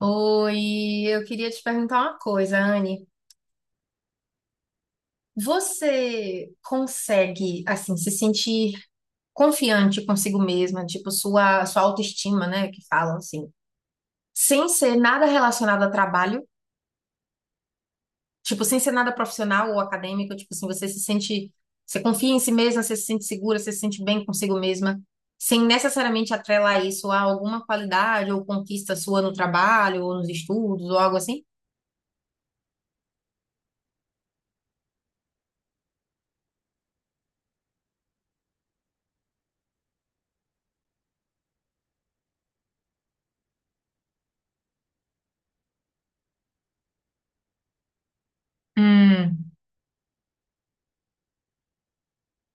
Oi, eu queria te perguntar uma coisa, Anne. Você consegue, assim, se sentir confiante consigo mesma, tipo, sua autoestima, né, que falam assim, sem ser nada relacionado a trabalho, tipo, sem ser nada profissional ou acadêmico, tipo assim, você se sente, você confia em si mesma, você se sente segura, você se sente bem consigo mesma, sem necessariamente atrelar isso a alguma qualidade ou conquista sua no trabalho ou nos estudos ou algo assim? Hum,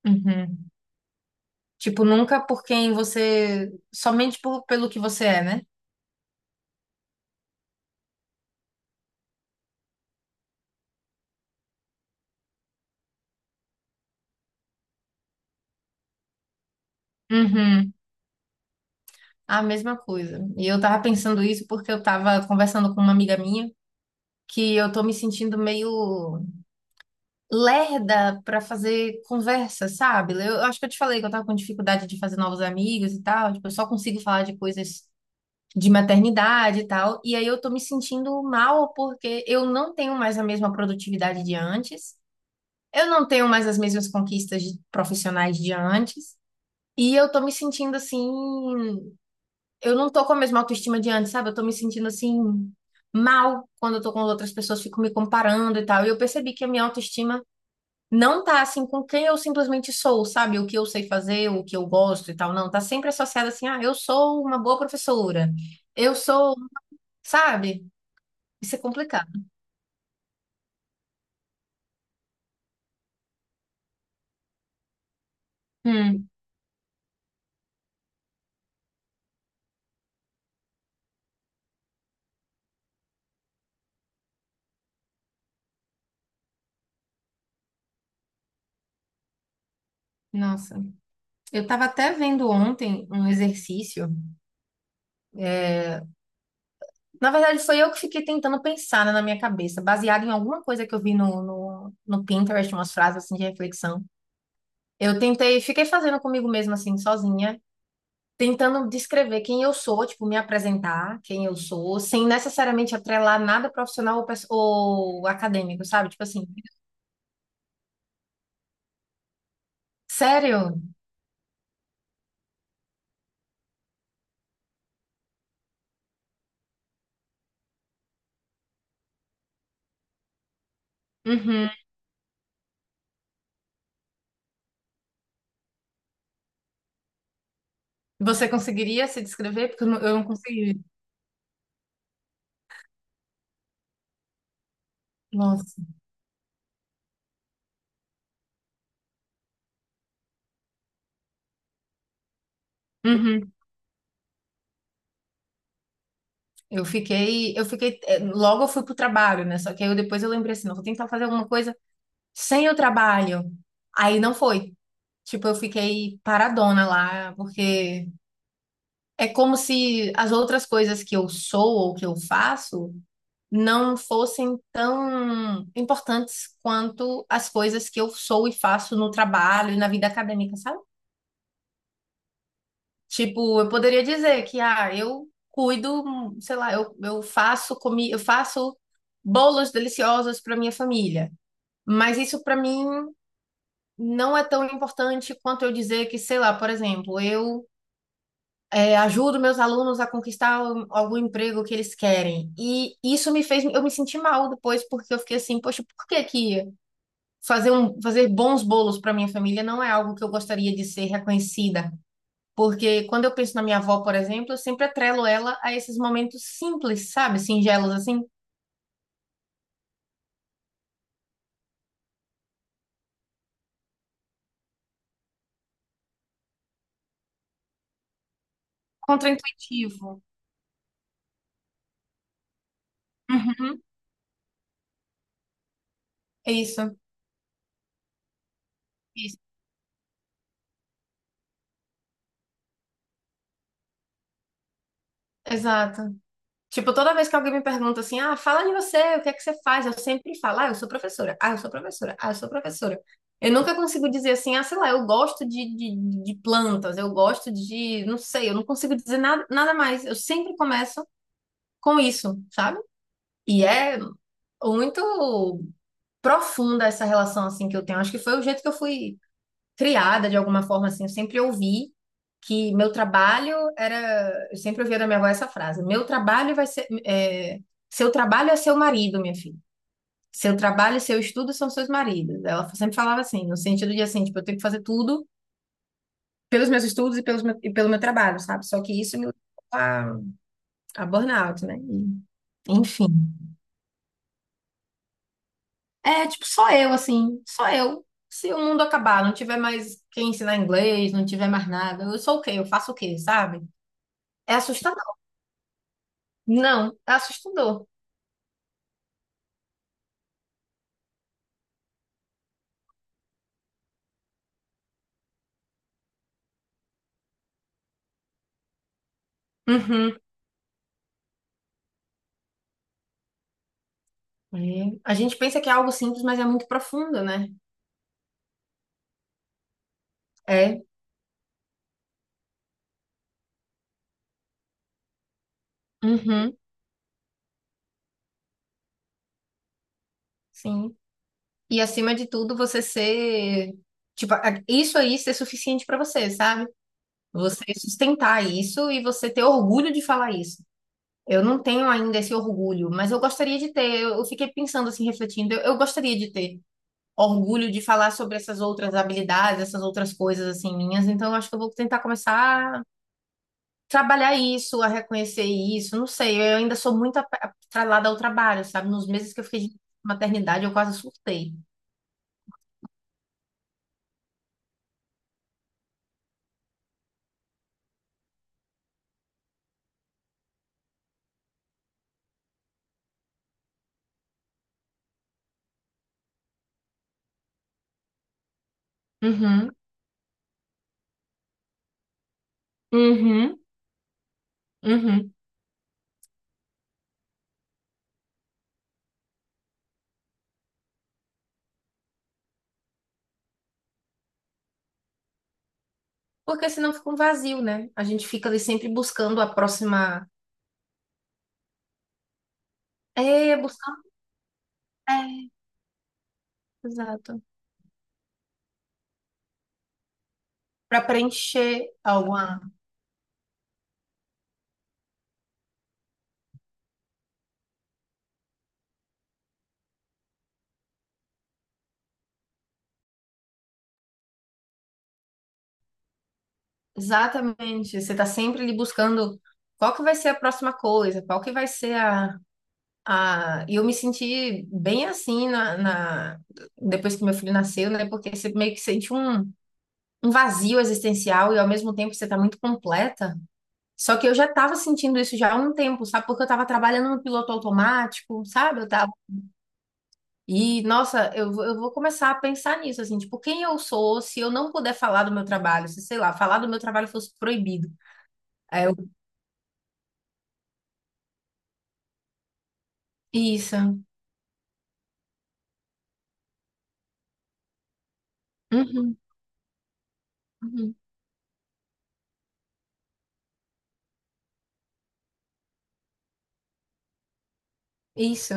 uhum. Tipo, nunca por quem você. Somente por, pelo que você é, né? Uhum. A mesma coisa. E eu tava pensando isso porque eu tava conversando com uma amiga minha que eu tô me sentindo meio lerda pra fazer conversa, sabe? Eu acho que eu te falei que eu tava com dificuldade de fazer novos amigos e tal. Tipo, eu só consigo falar de coisas de maternidade e tal. E aí eu tô me sentindo mal porque eu não tenho mais a mesma produtividade de antes. Eu não tenho mais as mesmas conquistas de- profissionais de antes. E eu tô me sentindo assim. Eu não tô com a mesma autoestima de antes, sabe? Eu tô me sentindo assim, mal quando eu tô com outras pessoas, fico me comparando e tal. E eu percebi que a minha autoestima não tá assim com quem eu simplesmente sou, sabe? O que eu sei fazer, o que eu gosto e tal. Não, tá sempre associada assim, ah, eu sou uma boa professora. Eu sou, sabe? Isso é complicado. Hum, nossa. Eu tava até vendo ontem um exercício. Na verdade, foi eu que fiquei tentando pensar, né, na minha cabeça, baseado em alguma coisa que eu vi no Pinterest, umas frases assim de reflexão. Eu tentei, fiquei fazendo comigo mesma, assim, sozinha, tentando descrever quem eu sou, tipo, me apresentar, quem eu sou, sem necessariamente atrelar nada profissional ou, pes- ou acadêmico, sabe? Tipo assim, sério? Uhum. Você conseguiria se descrever? Porque eu não consegui. Nossa. Uhum. Logo eu fui pro trabalho, né? Só que aí eu, depois eu lembrei assim, não, vou tentar fazer alguma coisa sem o trabalho. Aí não foi. Tipo, eu fiquei paradona lá, porque é como se as outras coisas que eu sou ou que eu faço não fossem tão importantes quanto as coisas que eu sou e faço no trabalho e na vida acadêmica, sabe? Tipo, eu poderia dizer que, ah, eu cuido, sei lá, eu faço comi, eu faço bolos deliciosos para minha família. Mas isso para mim não é tão importante quanto eu dizer que, sei lá, por exemplo, eu é, ajudo meus alunos a conquistar o- algum emprego que eles querem. E isso me fez, eu me senti mal depois, porque eu fiquei assim, poxa, por que que fazer um, fazer bons bolos para minha família não é algo que eu gostaria de ser reconhecida? Porque quando eu penso na minha avó, por exemplo, eu sempre atrelo ela a esses momentos simples, sabe? Singelos, assim, contraintuitivo. Uhum. Isso, isso, exato. Tipo, toda vez que alguém me pergunta assim, ah, fala de você, o que é que você faz? Eu sempre falo, ah, eu sou professora, ah, eu sou professora, ah, eu sou professora. Eu nunca consigo dizer assim, ah, sei lá, eu gosto de plantas, eu gosto de, não sei, eu não consigo dizer nada, nada mais. Eu sempre começo com isso, sabe? E é muito profunda essa relação, assim, que eu tenho. Acho que foi o jeito que eu fui criada de alguma forma assim, eu sempre ouvi que meu trabalho era, eu sempre ouvia da minha avó essa frase, meu trabalho vai ser, é, seu trabalho é seu marido, minha filha. Seu trabalho e seu estudo são seus maridos. Ela sempre falava assim, no sentido de assim, tipo, eu tenho que fazer tudo pelos meus estudos e, pelos meu- e pelo meu trabalho, sabe? Só que isso me levou a, a burnout, né? E, enfim. É, tipo, só eu, assim, só eu. Se o mundo acabar, não tiver mais quem ensinar inglês, não tiver mais nada, eu sou o quê? Eu faço o quê, sabe? É assustador. Não, é assustador. Uhum. É. A gente pensa que é algo simples, mas é muito profundo, né? É. Uhum. Sim. E acima de tudo, você ser, tipo, a- isso aí ser suficiente pra você, sabe? Você sustentar isso e você ter orgulho de falar isso. Eu não tenho ainda esse orgulho, mas eu gostaria de ter. Eu fiquei pensando assim, refletindo, eu gostaria de ter orgulho de falar sobre essas outras habilidades, essas outras coisas assim minhas. Então, eu acho que eu vou tentar começar trabalhar isso, a reconhecer isso, não sei, eu ainda sou muito ap- atrelada ao trabalho, sabe? Nos meses que eu fiquei de maternidade, eu quase surtei. Uhum, uhum, uhum. Porque senão fica um vazio, né? A gente fica ali sempre buscando a próxima. É, buscando. É, exato. Para preencher alguma. Exatamente. Você tá sempre ali buscando qual que vai ser a próxima coisa, qual que vai ser a Ah, e eu me senti bem assim depois que meu filho nasceu, né? Porque você meio que sente um, um vazio existencial e ao mesmo tempo você tá muito completa. Só que eu já tava sentindo isso já há um tempo, sabe? Porque eu tava trabalhando no piloto automático, sabe? Eu tava... E, nossa, eu vou começar a pensar nisso, assim, tipo, quem eu sou se eu não puder falar do meu trabalho? Se, sei lá, falar do meu trabalho fosse proibido. Aí eu... Isso. Uhum, uhum. Isso.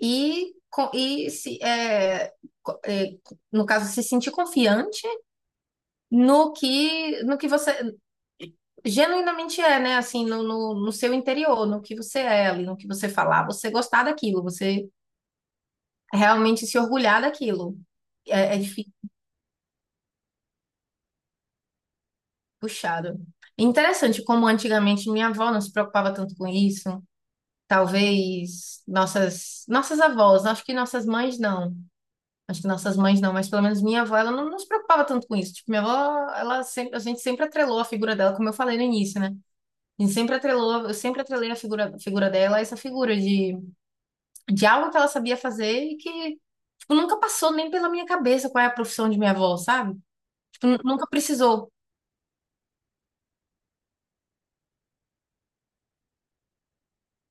e, co- e se, é, co- é, No caso, se sentir confiante no que você genuinamente é, né? Assim, no seu interior, no que você é ali, no que você falar, você gostar daquilo, você realmente se orgulhar daquilo. É, é difícil, puxado. É interessante como antigamente minha avó não se preocupava tanto com isso. Talvez nossas avós, acho que nossas mães não. Acho que nossas mães não, mas pelo menos minha avó, ela não, não se preocupava tanto com isso. Tipo, minha avó, ela sempre, a gente sempre atrelou a figura dela, como eu falei no início, né? A gente sempre atrelou, eu sempre atrelei a figura dela a essa figura de algo que ela sabia fazer e que, tipo, nunca passou nem pela minha cabeça qual é a profissão de minha avó, sabe? Tipo, nu- nunca precisou.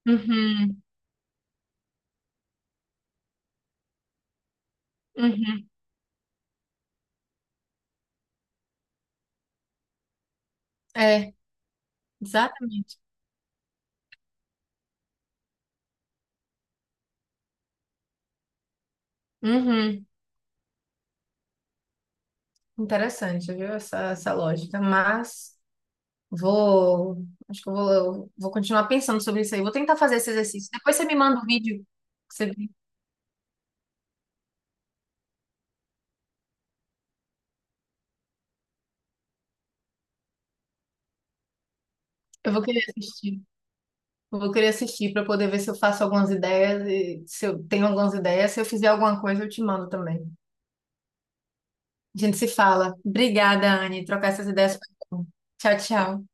Uhum, uhum. É, exatamente. Uhum. Interessante, viu? Essa lógica. Mas. Vou, acho que eu vou continuar pensando sobre isso aí. Vou tentar fazer esse exercício. Depois você me manda o vídeo que você viu. Eu vou querer assistir. Eu vou querer assistir para poder ver se eu faço algumas ideias e se eu tenho algumas ideias. Se eu fizer alguma coisa, eu te mando também. A gente se fala. Obrigada, Anne. Trocar essas ideias foi bom. Tchau, tchau.